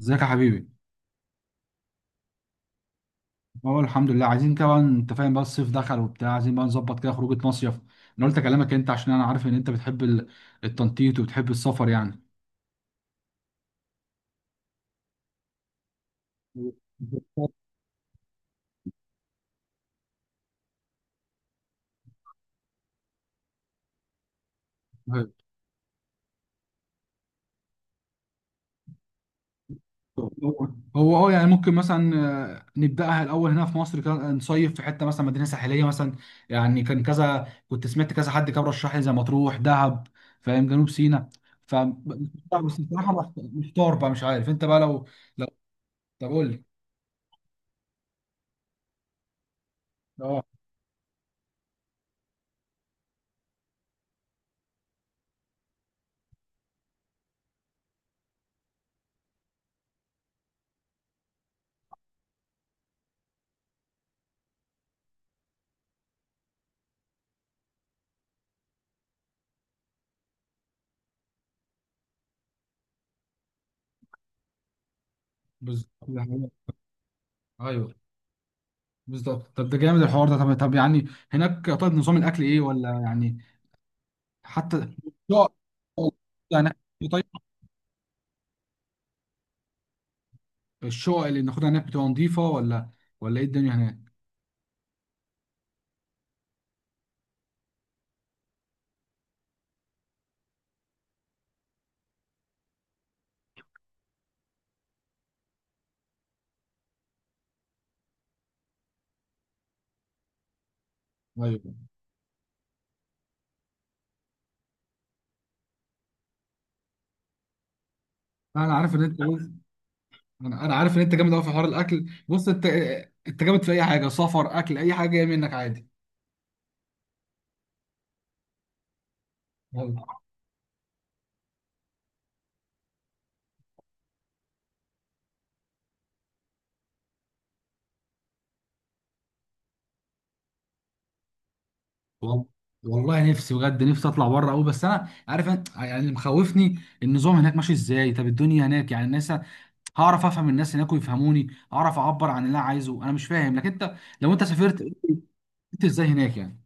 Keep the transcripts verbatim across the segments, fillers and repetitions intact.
ازيك يا حبيبي؟ اه، الحمد لله. عايزين كمان، انت فاهم بقى، الصيف دخل وبتاع، عايزين بقى نظبط كده خروجه مصيف. انا قلت اكلمك انت عشان انا عارف ان انت بتحب ال- التنطيط وبتحب السفر يعني. هو هو اه يعني ممكن مثلا، آه، نبداها الاول هنا في مصر كده، نصيف في حته مثلا، مدينه ساحليه مثلا. يعني كان كذا، كنت سمعت كذا، حد كان رشح لي زي مطروح دهب، فاهم، جنوب سيناء. ف بس بصراحه محت- محتار بقى، مش عارف انت بقى لو لو طب قول لي. اه، بالظبط، ده حقيقة. ايوه، بالظبط. طب ده جامد الحوار ده. طب طب يعني هناك، طيب، نظام الاكل ايه ولا يعني؟ حتى الشقق، يعني طيب. الشقق اللي بناخدها هناك بتبقى نظيفه، ولا ولا ايه الدنيا هناك؟ ايوه، انا عارف ان انت عاوز- انا أنا عارف ان انت جامد قوي في حوار الاكل. بص انت، انت جامد في اي حاجه، سفر، اكل، اي حاجه جايه منك عادي. والله، وال- والله نفسي بجد، نفسي اطلع بره قوي. بس انا عارف أنت- يعني اللي مخوفني النظام هناك ماشي ازاي. طب الدنيا هناك يعني الناس، هعرف افهم الناس هناك ويفهموني؟ اعرف اعبر عن اللي انا عايزه؟ انا مش فاهم. لكن انت، لو انت سافرت، انت ازاي هناك يعني؟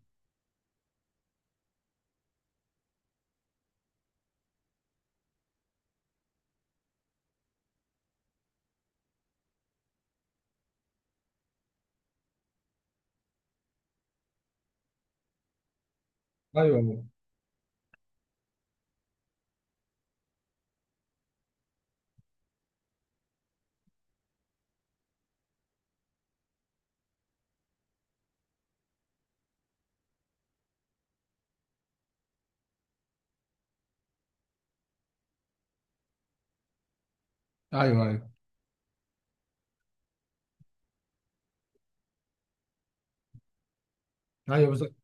ايوه، ايوه. ايوه، ايوه، بالظبط.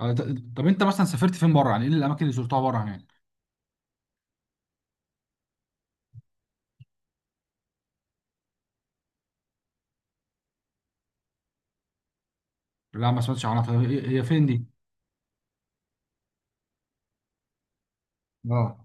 آه، ط- طب انت مثلا سافرت فين بره، يعني ايه الاماكن اللي زرتها بره هناك؟ لا، ما سمعتش عنها. طب هي هي فين دي؟ اه.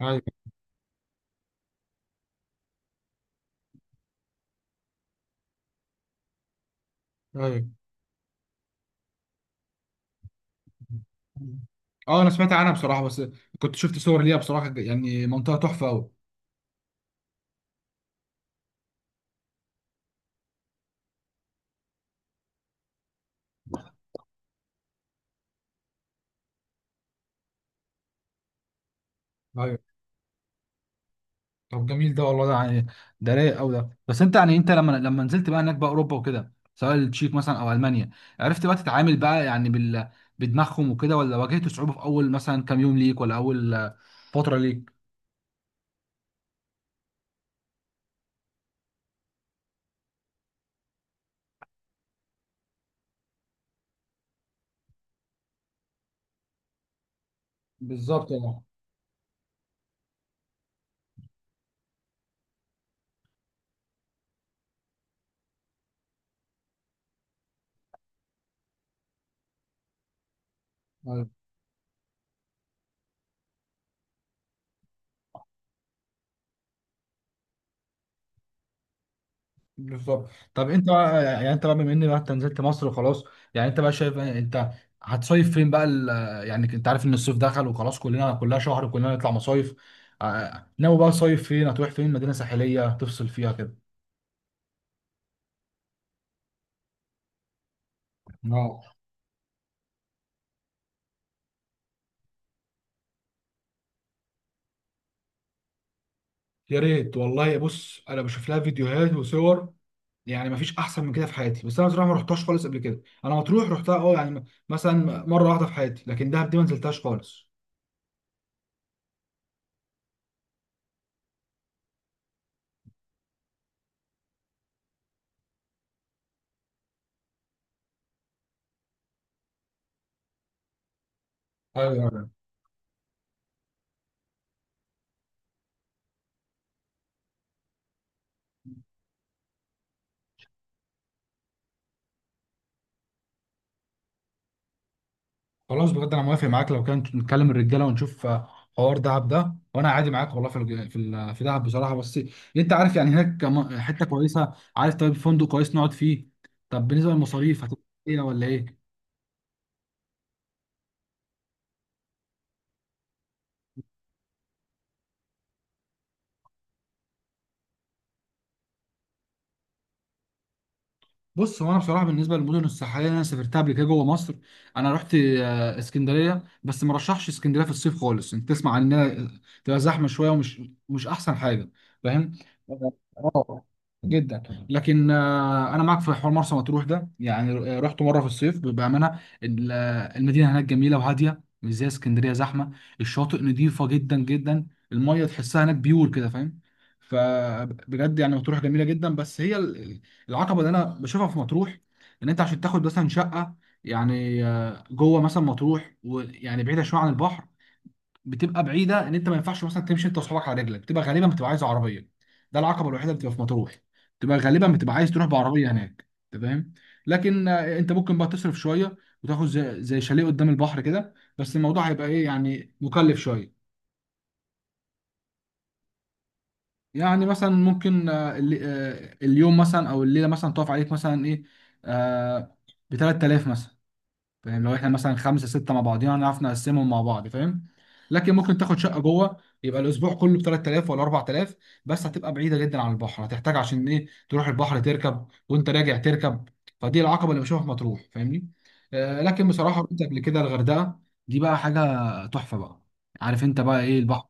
ايوه، ايوه. اه، انا سمعت عنها بصراحه، بس كنت شفت صور ليها بصراحه، يعني منطقه تحفه قوي. طب جميل ده والله، ده يعني ده رايق قوي ده. بس انت، يعني انت لما لما نزلت بقى هناك بقى اوروبا وكده، سواء التشيك مثلا او المانيا، عرفت بقى تتعامل بقى يعني بال بدماغهم وكده، ولا واجهت صعوبة في اول مثلا كام يوم ليك، ولا اول آه، فترة ليك؟ بالظبط، اه. أيوة، بالظبط. طب انت بقى، يعني انت بقى، بما ان بقى انت نزلت مصر وخلاص، يعني انت بقى شايف إيه؟ انت هتصيف فين بقى ال... يعني انت عارف ان الصيف دخل وخلاص، كلنا كلها شهر كلنا نطلع مصايف. آه، ناوي بقى صيف فين؟ هتروح فين؟ مدينة ساحلية تفصل فيها كده؟ يا ريت والله. بص انا بشوف لها فيديوهات وصور، يعني ما فيش احسن من كده في حياتي. بس انا بصراحه ما رحتهاش خالص قبل كده. انا مطروح رحتها، اه يعني م- مثلا مره واحده في حياتي، لكن دهب دي ما نزلتهاش خالص. ايوه، ايوه. خلاص بجد، انا موافق معاك. لو كان نتكلم الرجاله ونشوف، آه، حوار دهب ده، وانا عادي معاك والله في الج- في ال- في دهب بصراحه. بس انت عارف يعني هناك كم- حته كويسه، عارف طيب فندق كويس نقعد فيه؟ طب بالنسبه للمصاريف هتبقى ايه ولا ايه؟ بص هو انا بصراحه بالنسبه للمدن الساحليه اللي انا سافرتها قبل كده جوه مصر، انا رحت آه، اسكندريه. بس ما رشحش اسكندريه في الصيف خالص، انت تسمع عن انها تبقى زحمه شويه، ومش مش احسن حاجه، فاهم؟ اه، جدا. لكن آه، انا معاك في حوار مرسى مطروح ده. يعني ر- رحت مره في الصيف بامانه، ال- المدينه هناك جميله وهاديه، مش زي اسكندريه زحمه. الشاطئ نظيفه جدا جدا، الميه تحسها هناك بيور كده، فاهم؟ فبجد يعني مطروح جميله جدا. بس هي العقبه اللي انا بشوفها في مطروح، ان انت عشان تاخد مثلا شقه، يعني آه، جوه مثلا مطروح، ويعني بعيده شويه عن البحر، بتبقى بعيده. ان انت ما ينفعش مثلا تمشي انت واصحابك على رجلك، بتبقى غالبا بتبقى عايز عربيه. ده العقبه الوحيده اللي بتبقى في مطروح، بتبقى غالبا بتبقى عايز تروح بعربيه هناك. أنت فاهم. لكن آه، انت ممكن بقى تصرف شويه وتاخد زي, زي شاليه قدام البحر كده، بس الموضوع هيبقى ايه يعني، مكلف شويه. يعني مثلا ممكن آه، ال- آه، اليوم مثلا او الليله مثلا تقف عليك مثلا ايه، آه ب ثلاثة آلاف مثلا، فاهم؟ لو احنا مثلا خمسه سته مع بعضينا هنعرف نقسمهم مع بعض، فاهم. لكن ممكن تاخد شقه جوه، يبقى الاسبوع كله ب تلات تلاف ولا اربع تلاف، بس هتبقى بعيده جدا عن البحر، هتحتاج عشان ايه تروح البحر، تركب وانت راجع تركب. فدي العقبه اللي بشوفها في مطروح، فاهمني؟ آه لكن بصراحه رحت قبل كده الغردقه. دي بقى حاجه تحفه بقى. عارف انت بقى ايه البحر؟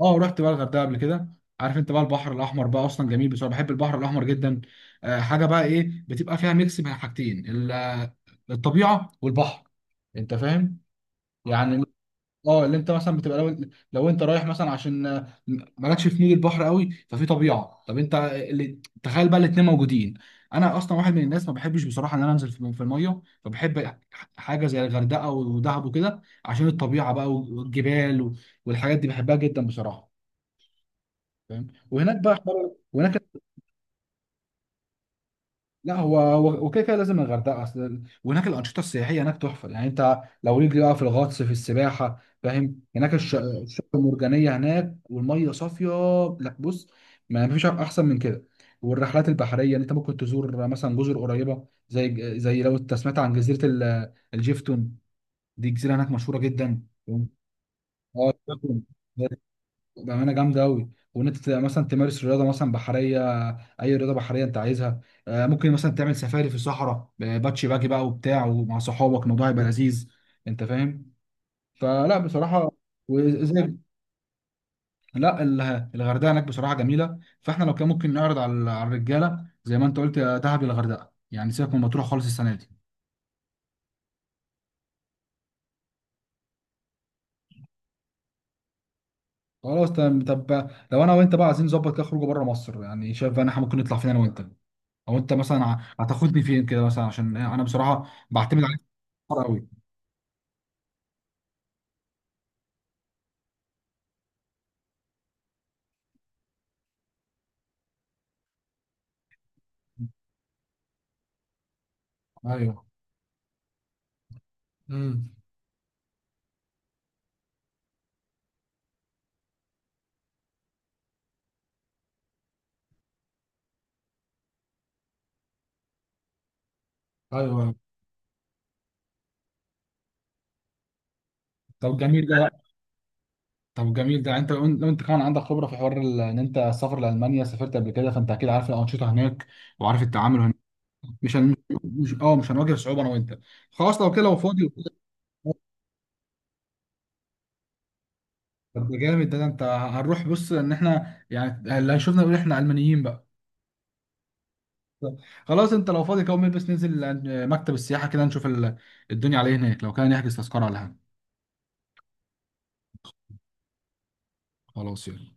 اه، رحت بقى الغردقه قبل كده. عارف انت بقى البحر الاحمر بقى اصلا جميل؟ بصراحه بحب البحر الاحمر جدا. آه حاجه بقى ايه، بتبقى فيها ميكس بين حاجتين، ال- الطبيعه والبحر، انت فاهم يعني. اه، اللي انت مثلا بتبقى لو, لو انت رايح مثلا عشان آه، مالكش في مود البحر قوي، ففي طبيعه. طب انت اللي تخيل بقى الاتنين موجودين. انا اصلا واحد من الناس ما بحبش بصراحه ان انا انزل في في الميه، فبحب حاجه زي الغردقه ودهب وكده، عشان الطبيعه بقى والجبال والحاجات دي بحبها جدا بصراحه، فاهم. وهناك بقى حوار وهناك. لا، هو هو وكده كده لازم الغردقه. اصل وهناك الانشطه السياحيه هناك تحفه، يعني انت لو ليك بقى في الغطس في السباحه، فاهم، هناك الش- الشعاب المرجانيه هناك والميه صافيه. لا، بص، ما فيش احسن من كده. والرحلات البحريه اللي انت ممكن تزور مثلا جزر قريبه زي زي لو انت سمعت عن جزيره ال- الجيفتون، دي جزيره هناك مشهوره جدا. اه، بأمانة جامدة أوي، وإن أنت تبقى مثلا تمارس رياضة مثلا بحرية، أي رياضة بحرية أنت عايزها. آه، ممكن مثلا تعمل سفاري في الصحراء، آه، باتشي باجي بقى وبتاع، ومع صحابك الموضوع هيبقى لذيذ، أنت فاهم. فلا بصراحة. وزي، لا ال- الغردقة هناك بصراحة جميلة. فإحنا لو كان ممكن نعرض على على الرجالة زي ما أنت قلت، يا دهب يا الغردقة، يعني سيبك من مطروح خالص السنة دي. خلاص تمام. طب لو أنا وأنت بقى عايزين نظبط كده خروجه بره مصر، يعني شايف بقى إن إحنا ممكن نطلع فين أنا وأنت؟ او انت مثلا ه- هتاخدني فين كده مثلا، عشان انا بصراحه بعتمد عليك كتير قوي. ايوه. امم. ايوه. طب جميل ده. طب جميل ده، انت لو لو انت كمان عندك خبره في حوار ال- ان انت السفر لالمانيا سافرت قبل كده، فانت اكيد عارف الانشطه هناك، وعارف التعامل هناك. مش هن... مش اه مش هنواجه صعوبه انا وانت. خلاص، لو كده لو فاضي. طب ده جامد ده, ده, انت هنروح. بص، ان احنا يعني اللي هيشوفنا يقول احنا المانيين بقى. خلاص، انت لو فاضي كده قوم البس، ننزل مكتب السياحه كده نشوف ال- الدنيا عليه هناك، لو كان نحجز تذكره على. خلاص، يلا.